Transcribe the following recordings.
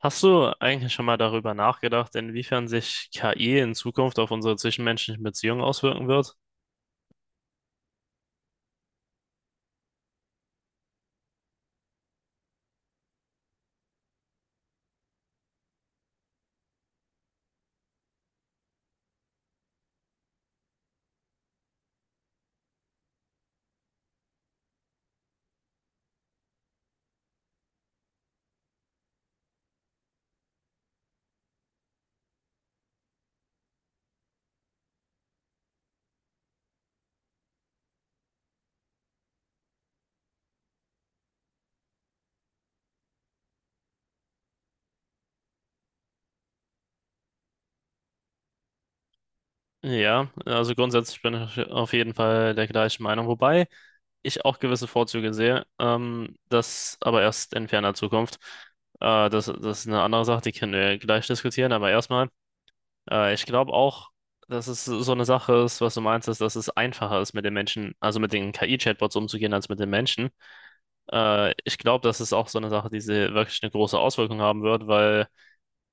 Hast du eigentlich schon mal darüber nachgedacht, inwiefern sich KI in Zukunft auf unsere zwischenmenschlichen Beziehungen auswirken wird? Ja, also grundsätzlich bin ich auf jeden Fall der gleichen Meinung, wobei ich auch gewisse Vorzüge sehe, das aber erst in ferner Zukunft. Das ist eine andere Sache, die können wir gleich diskutieren, aber erstmal, ich glaube auch, dass es so eine Sache ist. Was du meinst, ist, dass es einfacher ist, mit den Menschen, also mit den KI-Chatbots umzugehen, als mit den Menschen. Ich glaube, das ist auch so eine Sache, die sie wirklich eine große Auswirkung haben wird, weil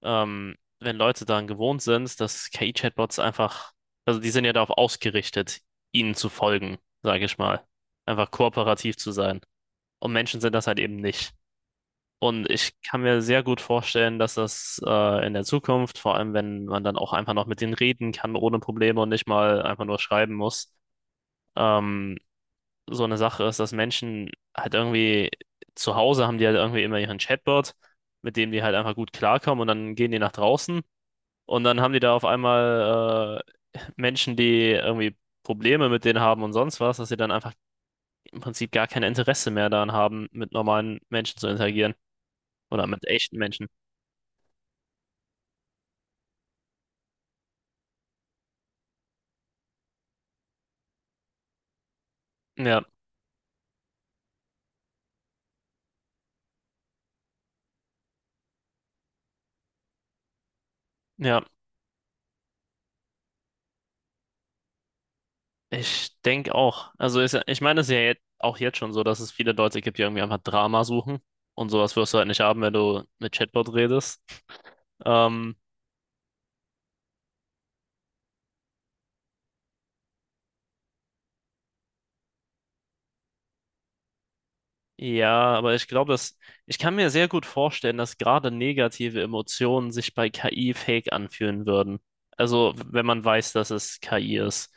wenn Leute daran gewohnt sind, dass KI-Chatbots einfach, also die sind ja darauf ausgerichtet, ihnen zu folgen, sage ich mal, einfach kooperativ zu sein. Und Menschen sind das halt eben nicht. Und ich kann mir sehr gut vorstellen, dass das in der Zukunft, vor allem wenn man dann auch einfach noch mit denen reden kann ohne Probleme und nicht mal einfach nur schreiben muss, ähm, so eine Sache ist, dass Menschen halt irgendwie zu Hause haben die halt irgendwie immer ihren Chatbot, mit dem die halt einfach gut klarkommen, und dann gehen die nach draußen und dann haben die da auf einmal Menschen, die irgendwie Probleme mit denen haben und sonst was, dass sie dann einfach im Prinzip gar kein Interesse mehr daran haben, mit normalen Menschen zu interagieren oder mit echten Menschen. Ja, ja, ich denke auch. Also ist, ich meine, es ist ja jetzt, auch jetzt schon so, dass es viele Leute gibt, die irgendwie einfach Drama suchen. Und sowas wirst du halt nicht haben, wenn du mit Chatbot redest. Ähm, ja, aber ich glaube, dass ich kann mir sehr gut vorstellen, dass gerade negative Emotionen sich bei KI fake anfühlen würden. Also, wenn man weiß, dass es KI ist.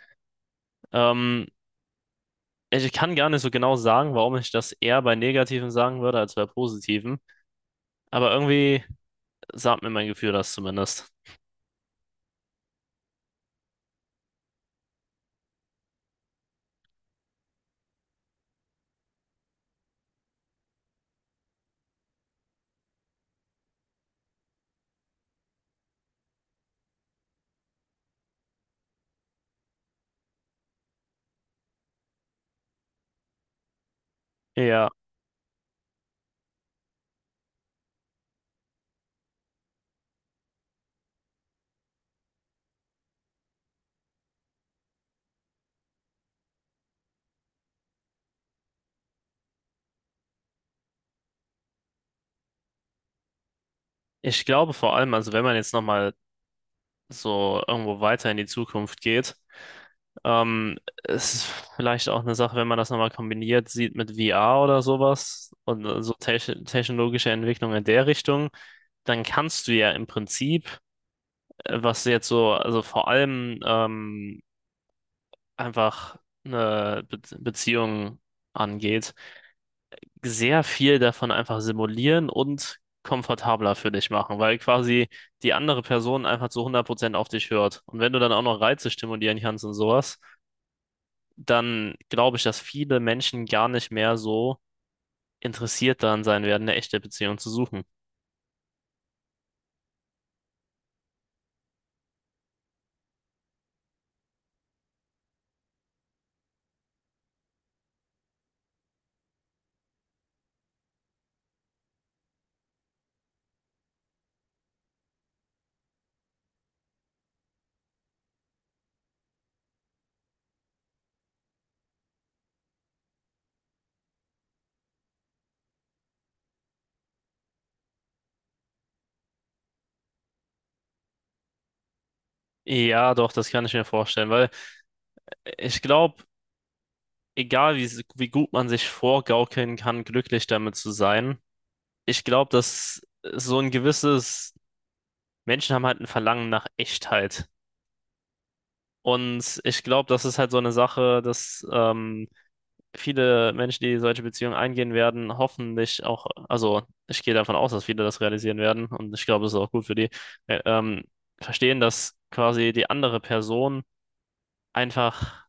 Ähm, Ich kann gar nicht so genau sagen, warum ich das eher bei negativen sagen würde als bei positiven. Aber irgendwie sagt mir mein Gefühl das zumindest. Ja, ich glaube vor allem, also wenn man jetzt nochmal so irgendwo weiter in die Zukunft geht. Es ist vielleicht auch eine Sache, wenn man das nochmal kombiniert sieht mit VR oder sowas und so technologische Entwicklung in der Richtung, dann kannst du ja im Prinzip, was jetzt so, also vor allem einfach eine Be Beziehung angeht, sehr viel davon einfach simulieren und komfortabler für dich machen, weil quasi die andere Person einfach zu hundert Prozent auf dich hört. Und wenn du dann auch noch Reize stimulieren kannst und sowas, dann glaube ich, dass viele Menschen gar nicht mehr so interessiert daran sein werden, eine echte Beziehung zu suchen. Ja, doch, das kann ich mir vorstellen, weil ich glaube, egal wie gut man sich vorgaukeln kann, glücklich damit zu sein, ich glaube, dass so ein gewisses, Menschen haben halt ein Verlangen nach Echtheit. Und ich glaube, das ist halt so eine Sache, dass viele Menschen, die solche Beziehungen eingehen werden, hoffentlich auch, also ich gehe davon aus, dass viele das realisieren werden, und ich glaube, es ist auch gut für die, äh, ähm, verstehen, dass quasi die andere Person einfach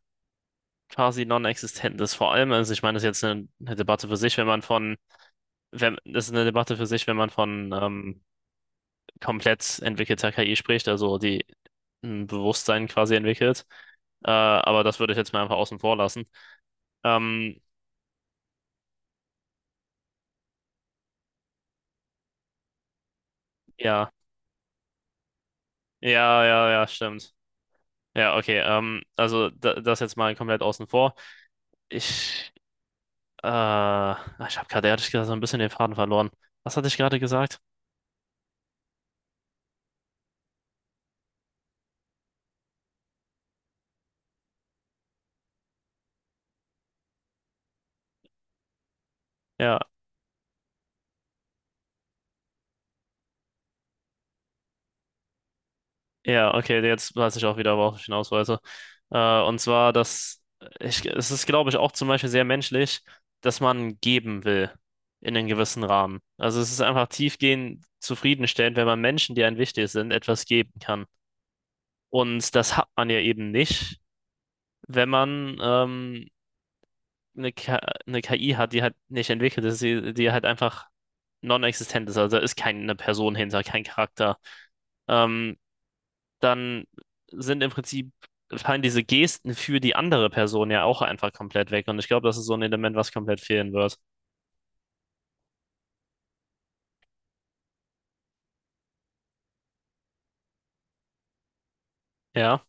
quasi non-existent ist. Vor allem, also ich meine, das ist jetzt eine Debatte für sich, wenn man von, wenn, das ist eine Debatte für sich, wenn man von komplett entwickelter KI spricht, also die ein Bewusstsein quasi entwickelt. Aber das würde ich jetzt mal einfach außen vor lassen. Ähm, ja, ja, stimmt. Ja, okay. Also da, das jetzt mal komplett außen vor. Ich, Ich habe gerade ehrlich gesagt so ein bisschen den Faden verloren. Was hatte ich gerade gesagt? Ja, ja, okay. Jetzt weiß ich auch wieder, worauf ich hinaus wollte. Und zwar, dass es ist, glaube ich, auch zum Beispiel sehr menschlich, dass man geben will in einem gewissen Rahmen. Also es ist einfach tiefgehend zufriedenstellend, wenn man Menschen, die einem wichtig sind, etwas geben kann. Und das hat man ja eben nicht, wenn man eine, K eine KI hat, die halt nicht entwickelt ist, die halt einfach non-existent ist, also da ist keine Person hinter, kein Charakter, ähm, dann sind im Prinzip, fallen diese Gesten für die andere Person ja auch einfach komplett weg. Und ich glaube, das ist so ein Element, was komplett fehlen wird. Ja,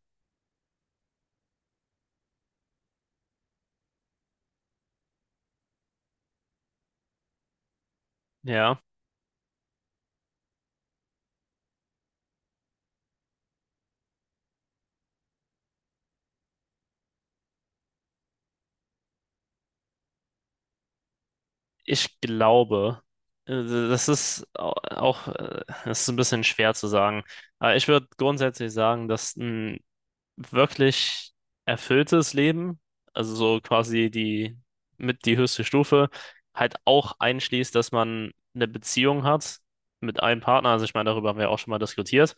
ja. Ich glaube, das ist auch, das ist ein bisschen schwer zu sagen. Aber ich würde grundsätzlich sagen, dass ein wirklich erfülltes Leben, also so quasi die mit die höchste Stufe, halt auch einschließt, dass man eine Beziehung hat mit einem Partner. Also ich meine, darüber haben wir auch schon mal diskutiert.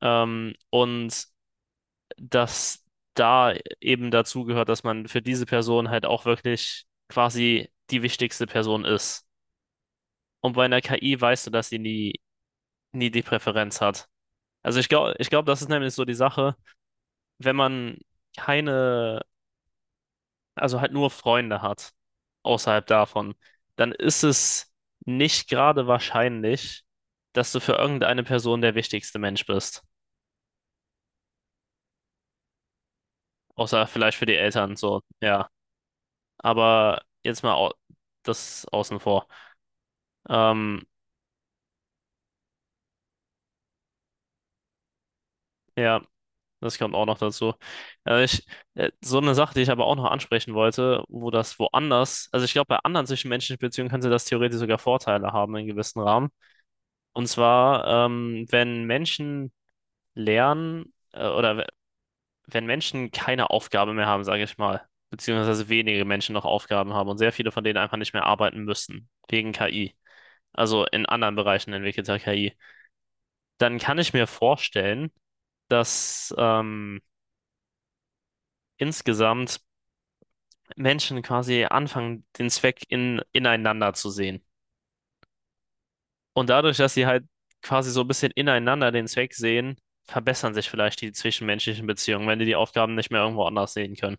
Und dass da eben dazu gehört, dass man für diese Person halt auch wirklich quasi die wichtigste Person ist. Und bei einer KI weißt du, dass sie nie die Präferenz hat. Also ich glaube, das ist nämlich so die Sache, wenn man keine also halt nur Freunde hat, außerhalb davon, dann ist es nicht gerade wahrscheinlich, dass du für irgendeine Person der wichtigste Mensch bist. Außer vielleicht für die Eltern, so, ja. Aber jetzt mal au das außen vor. Ähm, ja, das kommt auch noch dazu. Äh, ich, so eine Sache, die ich aber auch noch ansprechen wollte, wo das woanders, also ich glaube, bei anderen zwischenmenschlichen Beziehungen könnte das theoretisch sogar Vorteile haben in gewissen Rahmen. Und zwar, wenn Menschen Lernen oder we- wenn Menschen keine Aufgabe mehr haben, sage ich mal, beziehungsweise wenige Menschen noch Aufgaben haben und sehr viele von denen einfach nicht mehr arbeiten müssen, wegen KI, also in anderen Bereichen entwickelter KI, dann kann ich mir vorstellen, dass insgesamt Menschen quasi anfangen, den Zweck ineinander zu sehen. Und dadurch, dass sie halt quasi so ein bisschen ineinander den Zweck sehen, verbessern sich vielleicht die zwischenmenschlichen Beziehungen, wenn die Aufgaben nicht mehr irgendwo anders sehen können.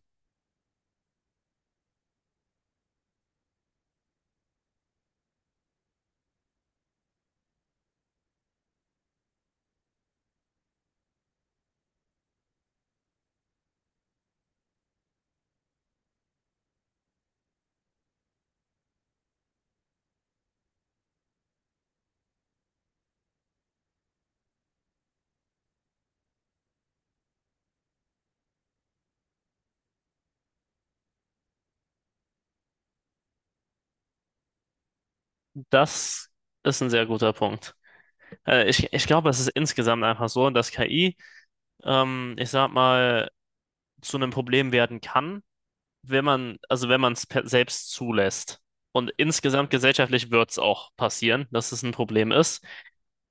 Das ist ein sehr guter Punkt. Ich glaube, es ist insgesamt einfach so, dass KI, ich sag mal, zu einem Problem werden kann, wenn man, also wenn man es selbst zulässt. Und insgesamt gesellschaftlich wird es auch passieren, dass es ein Problem ist,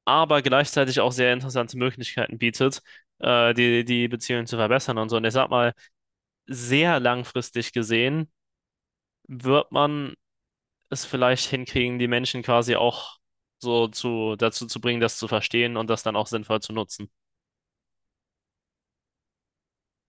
aber gleichzeitig auch sehr interessante Möglichkeiten bietet, die, die Beziehungen zu verbessern und so. Und ich sag mal, sehr langfristig gesehen wird man es vielleicht hinkriegen, die Menschen quasi auch so zu, dazu zu bringen, das zu verstehen und das dann auch sinnvoll zu nutzen.